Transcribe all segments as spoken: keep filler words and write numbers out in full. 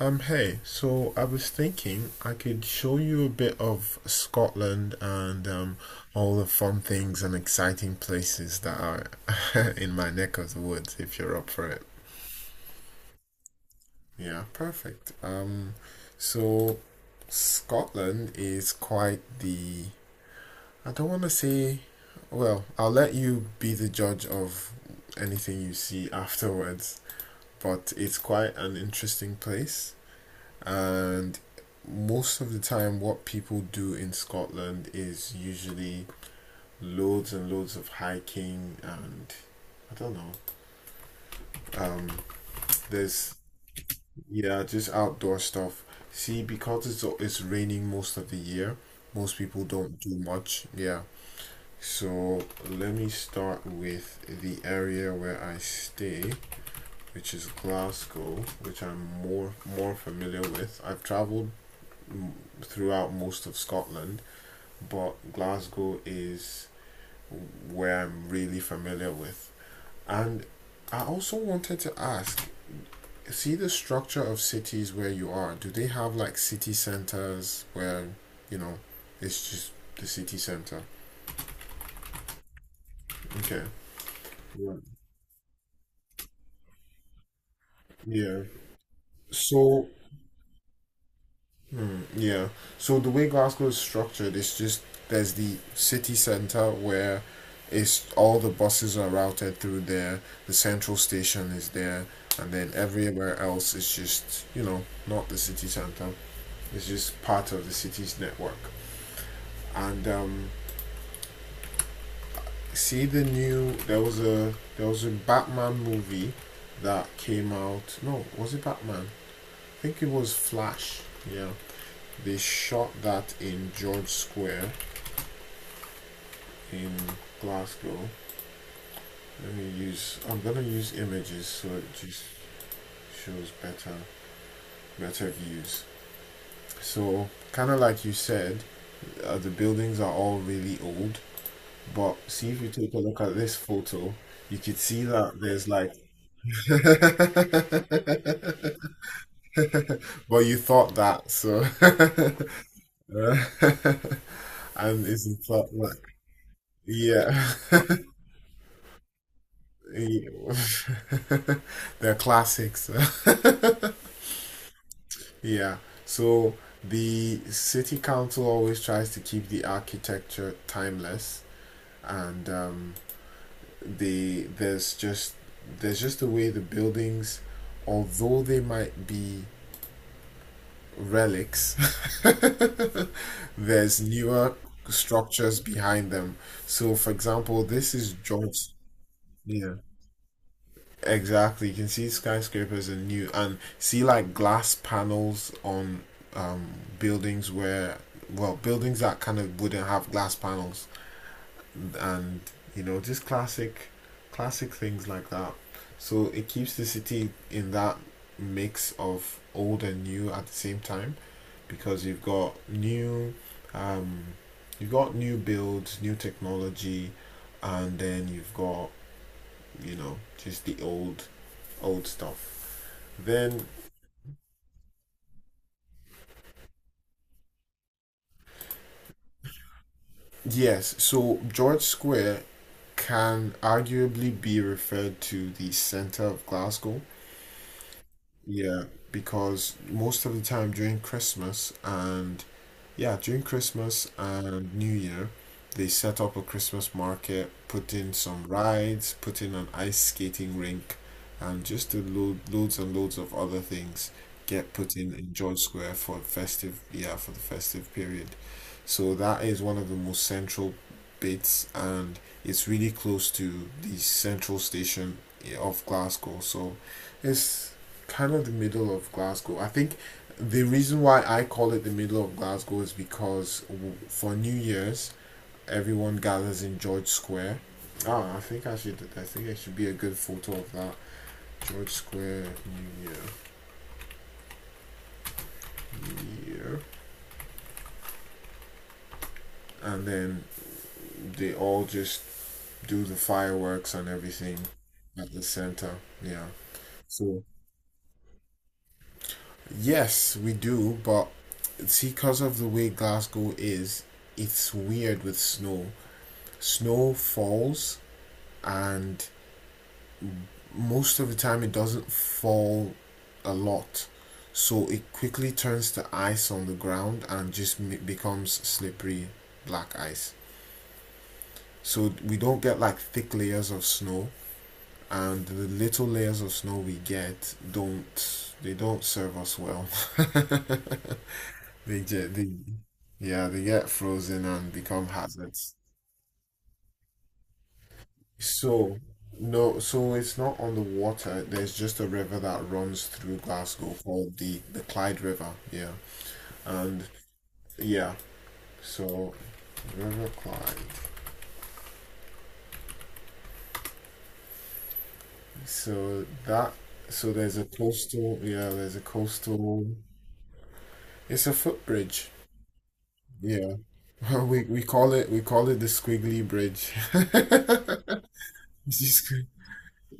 Um, hey, so I was thinking I could show you a bit of Scotland and um, all the fun things and exciting places that are in my neck of the woods if you're up for it. Yeah, perfect. Um, so Scotland is quite the, I don't want to say, well, I'll let you be the judge of anything you see afterwards, but it's quite an interesting place. And most of the time, what people do in Scotland is usually loads and loads of hiking and I don't know. Um, there's Yeah, just outdoor stuff. See, because it's it's raining most of the year, most people don't do much. Yeah. So let me start with the area where I stay, which is Glasgow, which I'm more more familiar with. I've traveled mm, throughout most of Scotland, but Glasgow is where I'm really familiar with. And I also wanted to ask see the structure of cities where you are. Do they have like city centers where, you know, it's just the city center? Okay. Yeah. Yeah. So yeah. So the way Glasgow is structured, is just there's the city centre where it's all the buses are routed through there. The central station is there, and then everywhere else is just, you know, not the city centre. It's just part of the city's network. And um, see the new there was a there was a Batman movie that came out. No, was it Batman? I think it was Flash. Yeah. They shot that in George Square in Glasgow. Let me use. I'm gonna use images so it just shows better, better views. So kind of like you said, uh, the buildings are all really old. But see if you take a look at this photo, you could see that there's like. Well, you thought that, so and isn't that like yeah. Yeah. They're classics. Yeah. So the city council always tries to keep the architecture timeless, and um, the there's just there's just a way the buildings, although they might be relics, there's newer structures behind them. So, for example, this is George. Yeah. Exactly, you can see skyscrapers and new and see like glass panels on um, buildings where well buildings that kind of wouldn't have glass panels and you know just classic classic things like that. So it keeps the city in that mix of old and new at the same time because you've got new um, you've got new builds, new technology, and then you've got you know just the old old stuff. Then, yes, so George Square can arguably be referred to the centre of Glasgow. Yeah, because most of the time during Christmas and Yeah, during Christmas and New Year, they set up a Christmas market, put in some rides, put in an ice skating rink, and just did load, loads and loads of other things get put in in George Square for festive, yeah, for the festive period. So that is one of the most central bits, and it's really close to the central station yeah, of Glasgow. So it's kind of the middle of Glasgow. I think the reason why I call it the middle of Glasgow is because for New Year's, everyone gathers in George Square. Ah, I think I should. I think it should be a good photo of that George Square New Year, New Year, and then they all just do the fireworks and everything at the center. Yeah. So yes, we do, but see, because of the way Glasgow is, it's weird with snow. Snow falls and most of the time it doesn't fall a lot so it quickly turns to ice on the ground and just becomes slippery black ice so we don't get like thick layers of snow and the little layers of snow we get don't they don't serve us well they get they yeah they get frozen and become hazards. So no, so it's not on the water, there's just a river that runs through Glasgow called the the Clyde River yeah and yeah, so river climb. So that so there's a coastal. Yeah, there's a coastal. It's a footbridge. Yeah. We, we call it we call it the squiggly bridge. It's just squig-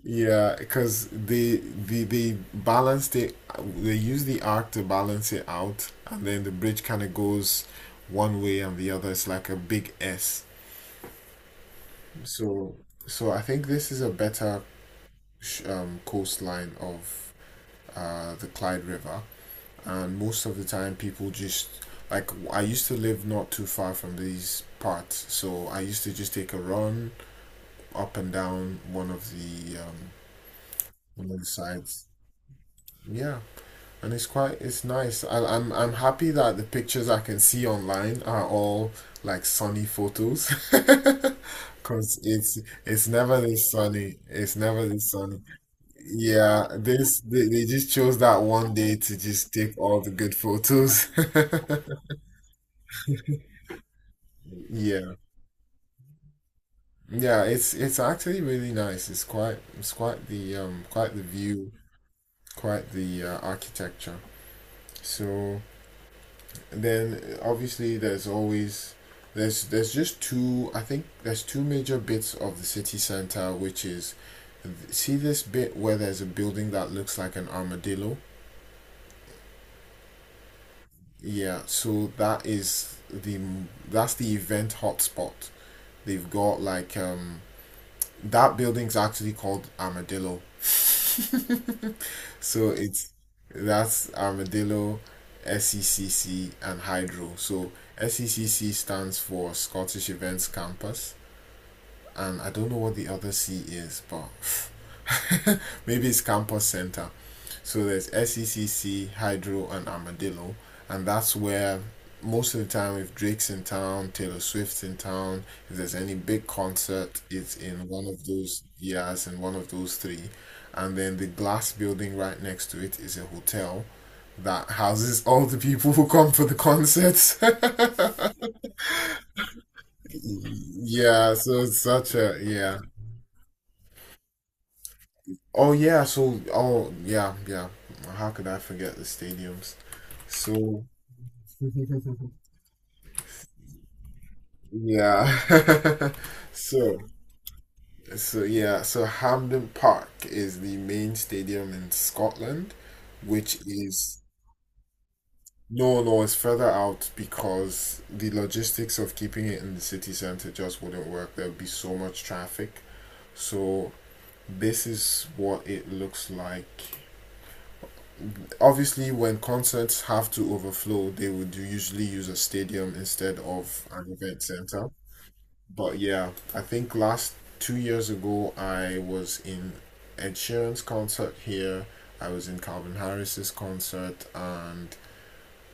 Yeah, because they, they they balanced it. They use the arc to balance it out, and then the bridge kind of goes one way and the other. It's like a big S. So so I think this is a better sh- um, coastline of uh, the Clyde River, and most of the time people just like I used to live not too far from these parts, so I used to just take a run up and down one of the um, one of the sides. Yeah, and it's quite it's nice. I, I'm I'm happy that the pictures I can see online are all like sunny photos, because it's it's never this sunny. It's never this sunny. Yeah, this they, they just chose that one day to just take all the good photos. Yeah. Yeah, it's it's actually really nice. It's quite it's quite the um quite the view, quite the uh, architecture. So then obviously there's always there's there's just two I think there's two major bits of the city center which is see this bit where there's a building that looks like an armadillo. Yeah, so that is the that's the event hotspot. They've got like um that building's actually called Armadillo. So it's that's Armadillo, S E C C and Hydro. So S E C C stands for Scottish Events Campus and I don't know what the other C is, but maybe it's Campus Centre. So there's S E C C, Hydro, and Armadillo, and that's where most of the time, if Drake's in town, Taylor Swift's in town, if there's any big concert, it's in one of those years in one of those three. And then the glass building right next to it is a hotel that houses all the people who come for the concerts. Yeah, so it's such a yeah. Oh yeah, so oh yeah, yeah. How could I forget the stadiums? So Yeah. So, so yeah, so Hampden Park is the main stadium in Scotland, which is no, no, it's further out because the logistics of keeping it in the city center just wouldn't work. There would be so much traffic. So this is what it looks like. Obviously, when concerts have to overflow, they would usually use a stadium instead of an event center. But yeah, I think last two years ago I was in Ed Sheeran's concert here. I was in Calvin Harris's concert, and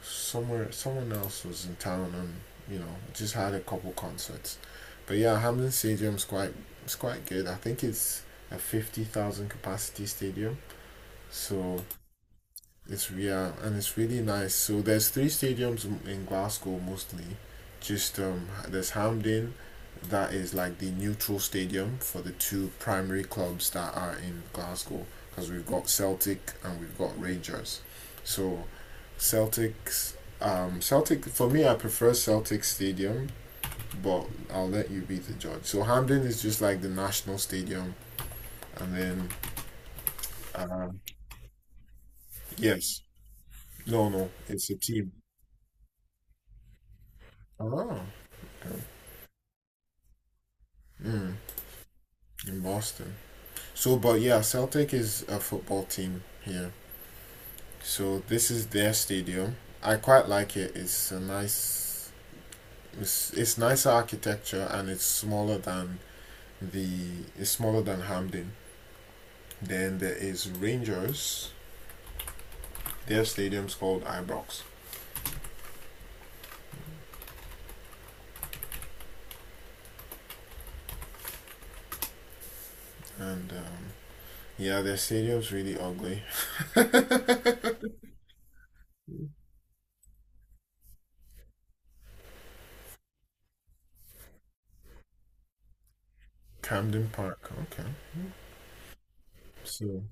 somewhere someone else was in town, and you know just had a couple concerts. But yeah, Hamden Stadium's quite it's quite good. I think it's a fifty thousand capacity stadium, so it's yeah, and it's really nice. So there's three stadiums m- in Glasgow mostly. Just um, there's Hampden, that is like the neutral stadium for the two primary clubs that are in Glasgow, because we've got Celtic and we've got Rangers. So Celtics, um, Celtic for me, I prefer Celtic Stadium, but I'll let you be the judge. So Hampden is just like the national stadium, and then uh, yes, no, no, it's a team. Ah. Mm. In Boston. So, but yeah, Celtic is a football team here. So this is their stadium. I quite like it. It's a nice, it's, it's nicer architecture and it's smaller than the it's smaller than Hampden. Then there is Rangers. Their stadium's called Ibrox, and um, yeah, their stadium's really ugly. Camden Park. Okay. So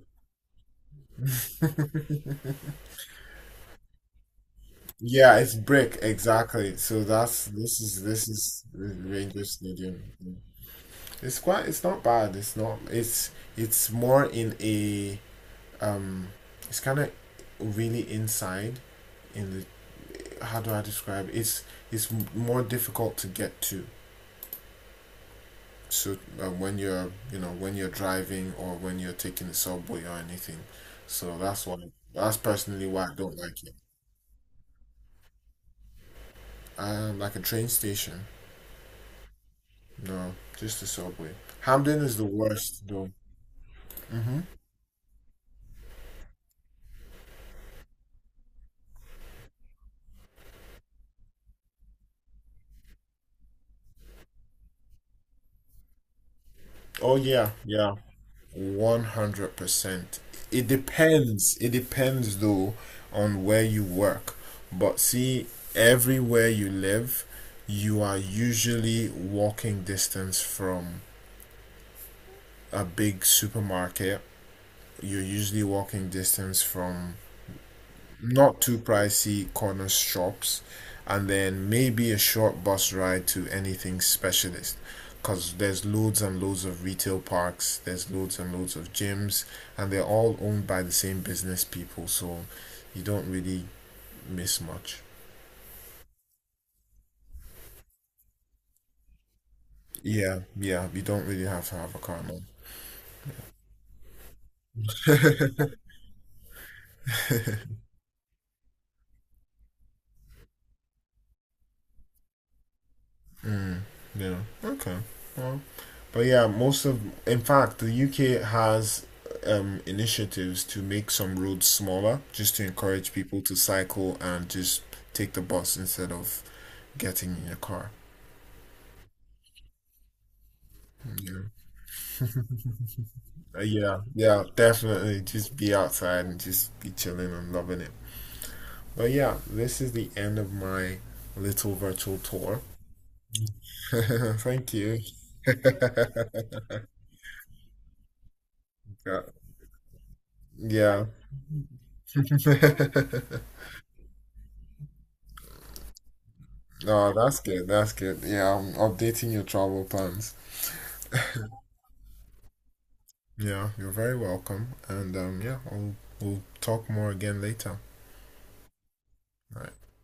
yeah, it's brick exactly. So that's this is this is Rangers Stadium. Yeah. It's quite. It's not bad. It's not. It's. It's more in a. Um. It's kind of really inside. In the. How do I describe it? It's. It's more difficult to get to. So uh, when you're, you know, when you're driving or when you're taking the subway or anything, so that's why. That's personally why I don't like it. Um, like a train station. No, just the subway. Hamden is the worst though. Mm-hmm. Oh yeah, yeah. one hundred percent. It depends. It depends though on where you work. But see, everywhere you live, you are usually walking distance from a big supermarket. You're usually walking distance from not too pricey corner shops, and then maybe a short bus ride to anything specialist. Because there's loads and loads of retail parks, there's loads and loads of gyms, and they're all owned by the same business people, so you don't really miss much. Yeah, yeah, you don't really have to have a car now. Yeah, okay. Well, But yeah, most of, in fact, the U K has um, initiatives to make some roads smaller, just to encourage people to cycle and just take the bus instead of getting in your car. Yeah, Uh, yeah, yeah, definitely. Just be outside and just be chilling and loving it. But yeah, this is the end of my little virtual tour. Thank you. Yeah. Yeah. Oh, that's good. That's good. Yeah, I'm updating your travel plans. Yeah, you're very welcome. And um, yeah, I'll, we'll talk more again later. All right.